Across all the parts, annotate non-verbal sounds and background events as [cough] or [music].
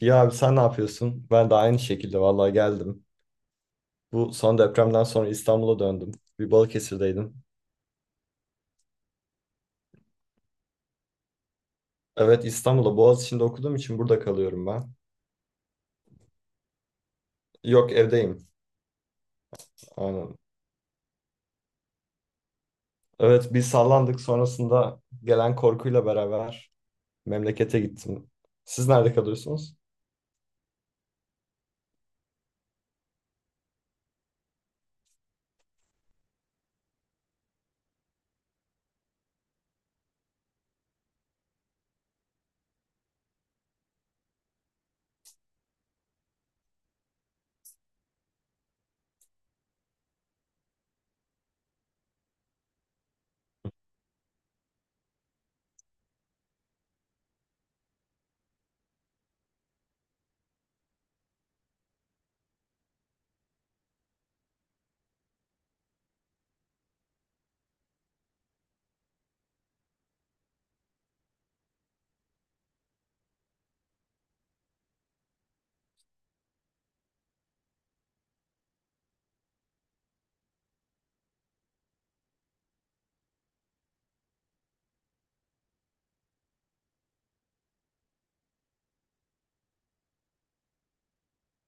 İyi abi sen ne yapıyorsun? Ben de aynı şekilde vallahi geldim. Bu son depremden sonra İstanbul'a döndüm. Bir Balıkesir'deydim. Evet, İstanbul'da Boğaziçi'nde okuduğum için burada kalıyorum ben. Yok, evdeyim. Aynen. Evet, biz sallandık, sonrasında gelen korkuyla beraber memlekete gittim. Siz nerede kalıyorsunuz?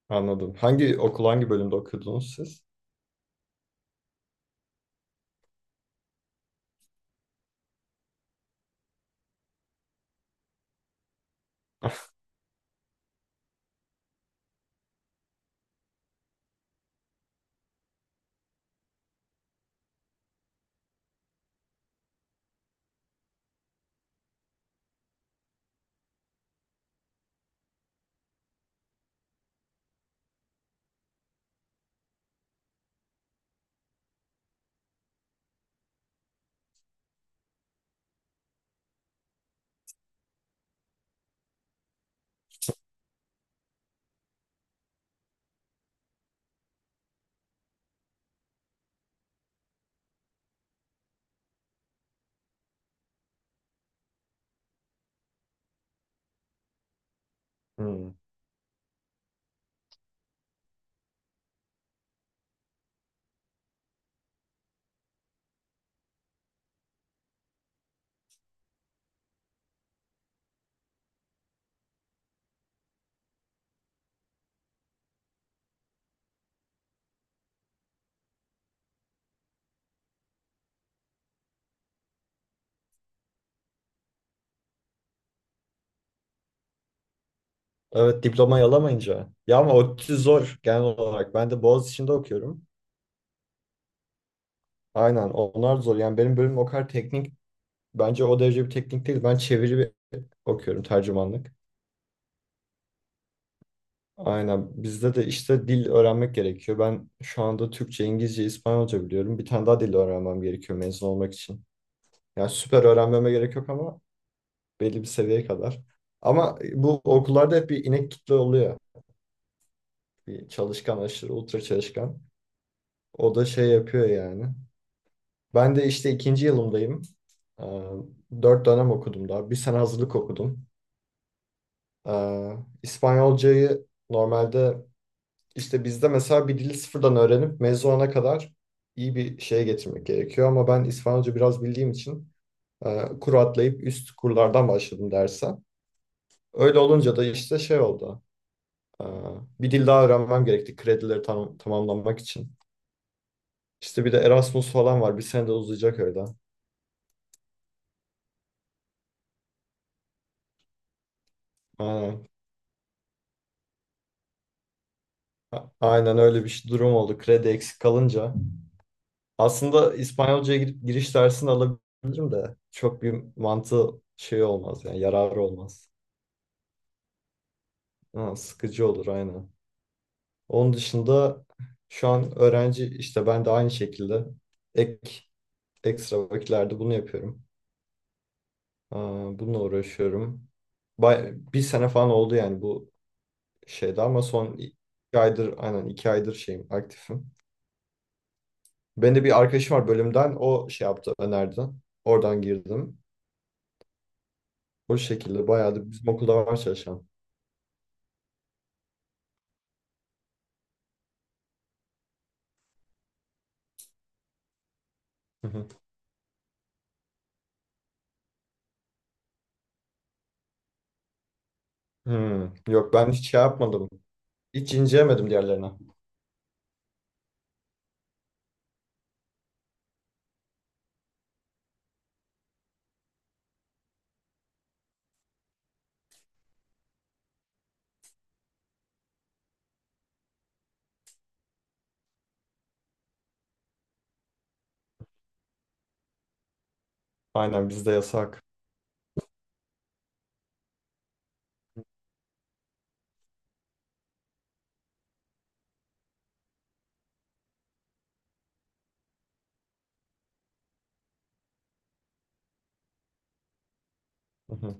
Anladım. Hangi okul, hangi bölümde okudunuz siz? [laughs] Hmm. Evet, diplomayı alamayınca. Ya ama ODTÜ zor genel olarak. Ben de Boğaziçi'nde okuyorum. Aynen, onlar zor. Yani benim bölüm o kadar teknik, bence o derece bir teknik değil. Ben çeviri bir okuyorum, tercümanlık. Aynen, bizde de işte dil öğrenmek gerekiyor. Ben şu anda Türkçe, İngilizce, İspanyolca biliyorum. Bir tane daha dil öğrenmem gerekiyor mezun olmak için. Yani süper öğrenmeme gerek yok ama belli bir seviyeye kadar. Ama bu okullarda hep bir inek kitle oluyor. Bir çalışkan, aşırı ultra çalışkan. O da şey yapıyor yani. Ben de işte ikinci yılımdayım. Ee, Dört dönem okudum daha. Bir sene hazırlık okudum. Ee, İspanyolcayı normalde, İşte bizde mesela bir dili sıfırdan öğrenip mezun mezuna kadar iyi bir şeye getirmek gerekiyor. Ama ben İspanyolca biraz bildiğim için kur atlayıp üst kurlardan başladım derse. Öyle olunca da işte şey oldu. e, Bir dil daha öğrenmem gerekti kredileri tamamlamak için. İşte bir de Erasmus falan var. Bir sene de uzayacak öyle. Aynen. Aynen öyle bir durum oldu. Kredi eksik kalınca. Aslında İspanyolca'ya gidip giriş dersini alabilirim de çok bir mantığı şey olmaz yani, yararı olmaz. Ha, sıkıcı olur aynen. Onun dışında şu an öğrenci, işte ben de aynı şekilde ek ekstra vakitlerde bunu yapıyorum. Aa, bununla uğraşıyorum. Bay, bir sene falan oldu yani bu şeyde, ama son iki aydır, aynen iki aydır şeyim, aktifim. Benim de bir arkadaşım var bölümden, o şey yaptı, önerdi. Oradan girdim. O şekilde bayağı da bizim okulda var çalışan. Hı hı. Yok, ben hiç şey yapmadım. Hiç incelemedim diğerlerine. Aynen, bizde yasak. Hı hı.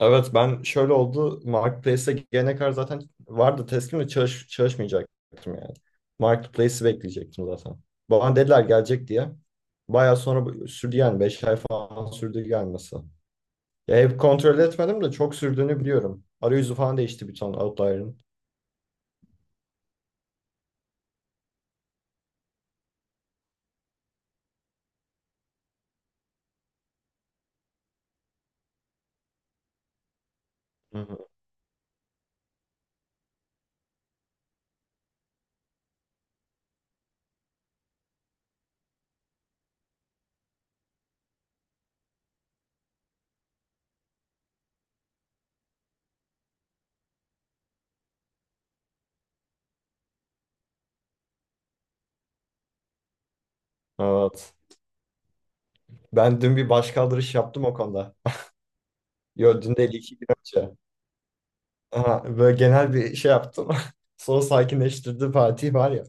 Evet, ben şöyle oldu. Marketplace'e gelene kadar zaten vardı, teslim ve çalışmayacaktım yani. Marketplace'i bekleyecektim zaten. Bana dediler gelecek diye. Bayağı sonra sürdü yani, beş ay falan sürdü gelmesi. Ya hep kontrol etmedim de çok sürdüğünü biliyorum. Arayüzü falan değişti bir ton Outlier'ın. Evet. Ben dün bir başkaldırış yaptım o konuda. Yo, dün değil, iki gün önce. Aha, böyle genel bir şey yaptım. [laughs] Sonra sakinleştirdi Fatih var ya.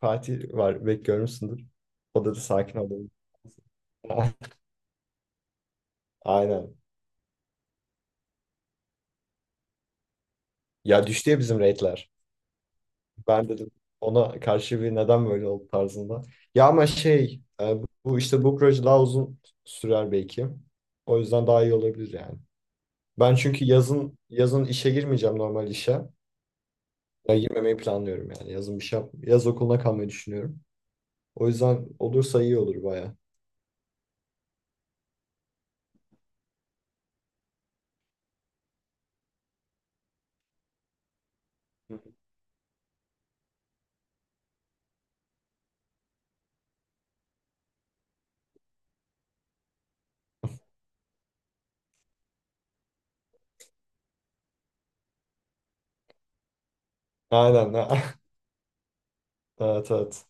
Fatih var, belki görmüşsündür. O dedi sakin olalım. [laughs] Aynen. Ya düştü ya bizim rate'ler. Ben dedim ona karşı bir neden böyle oldu tarzında. Ya ama şey bu işte, bu proje daha uzun sürer belki. O yüzden daha iyi olabilir yani. Ben çünkü yazın işe girmeyeceğim, normal işe. Ya girmemeyi planlıyorum yani. Yazın bir şey yap. Yaz okuluna kalmayı düşünüyorum. O yüzden olursa iyi olur baya. Hı. Aynen. [laughs] a- Evet, evet.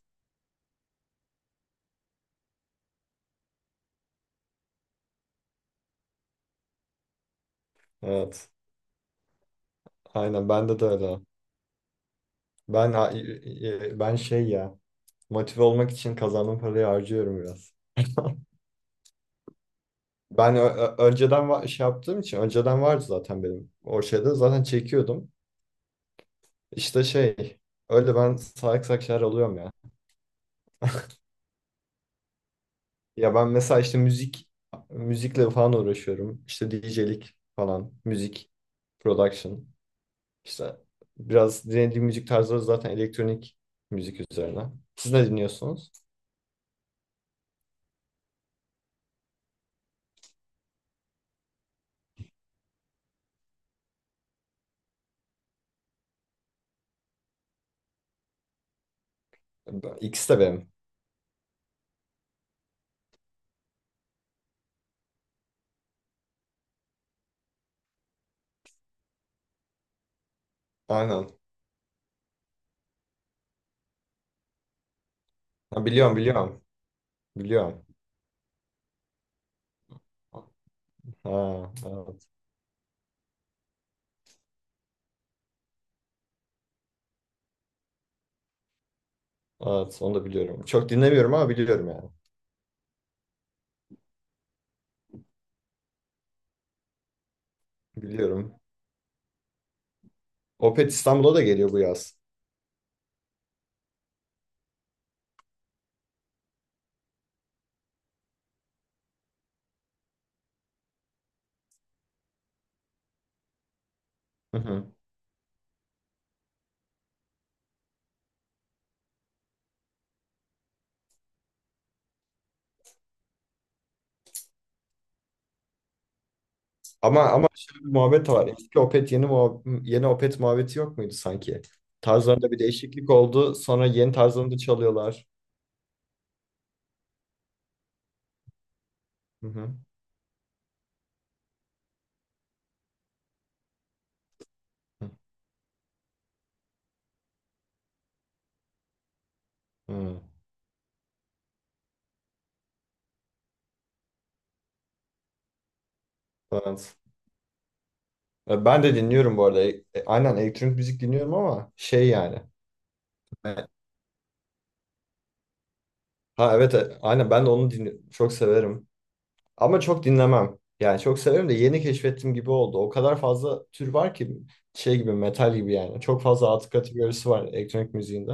Evet. Aynen, bende de öyle. Ben ben şey ya, motive olmak için kazandığım parayı harcıyorum biraz. [laughs] Ben önceden şey yaptığım için önceden vardı zaten, benim o şeyde zaten çekiyordum. İşte şey, öyle ben salak salak şeyler alıyorum ya. Ya ben mesela işte müzikle falan uğraşıyorum. İşte DJ'lik falan, müzik, production. İşte biraz dinlediğim müzik tarzları zaten elektronik müzik üzerine. Siz ne dinliyorsunuz? Ben- İkisi de benim. Aynen. Ha, biliyorum, biliyorum. Biliyorum. Ha, evet. Evet, onu da biliyorum. Çok dinlemiyorum ama biliyorum yani. Biliyorum. Opet İstanbul'a da geliyor bu yaz. Hı hı. Ama şöyle bir muhabbet de var. Eski Opet yeni yeni Opet muhabbeti yok muydu sanki? Tarzlarında bir değişiklik oldu. Sonra yeni tarzlarını da çalıyorlar. Hı hı. Hı hı. Evet. Ben de dinliyorum bu arada. Aynen, elektronik müzik dinliyorum ama şey yani. Evet. Ha evet, aynen, ben de onu dinliyorum. Çok severim. Ama çok dinlemem. Yani çok severim de yeni keşfettim gibi oldu. O kadar fazla tür var ki, şey gibi, metal gibi yani. Çok fazla alt kategorisi var elektronik müziğinde.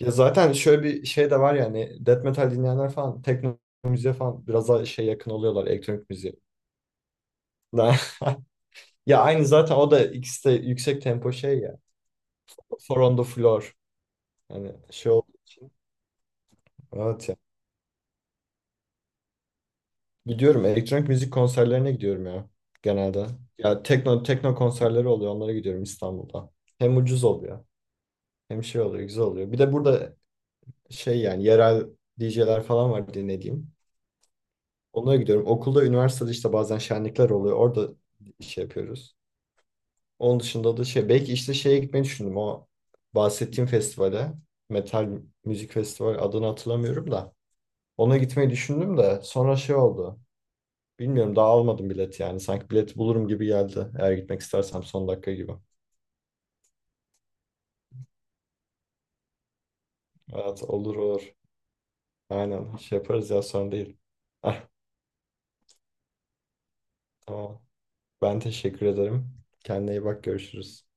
Ya zaten şöyle bir şey de var yani, death metal dinleyenler falan tekno müziğe falan biraz daha şey yakın oluyorlar elektronik müziğe. [laughs] Ya aynı zaten, o da ikisi de yüksek tempo şey ya. Four on the floor. Yani şey oldu. Evet ya. Gidiyorum, elektronik müzik konserlerine gidiyorum ya genelde. Ya tekno konserleri oluyor, onlara gidiyorum İstanbul'da. Hem ucuz oluyor hem şey oluyor, güzel oluyor. Bir de burada şey yani, yerel DJ'ler falan var dinlediğim. Onlara gidiyorum. Okulda, üniversitede işte bazen şenlikler oluyor. Orada şey yapıyoruz. Onun dışında da şey, belki işte şeye gitmeyi düşündüm, o bahsettiğim festivale, metal müzik festivali, adını hatırlamıyorum da, ona gitmeyi düşündüm de sonra şey oldu. Bilmiyorum, daha almadım bilet yani, sanki bileti bulurum gibi geldi eğer gitmek istersem, son dakika gibi. Evet, olur olur. Aynen şey yaparız ya, sorun değil. Ah, tamam. Ben teşekkür ederim. Kendine iyi bak, görüşürüz.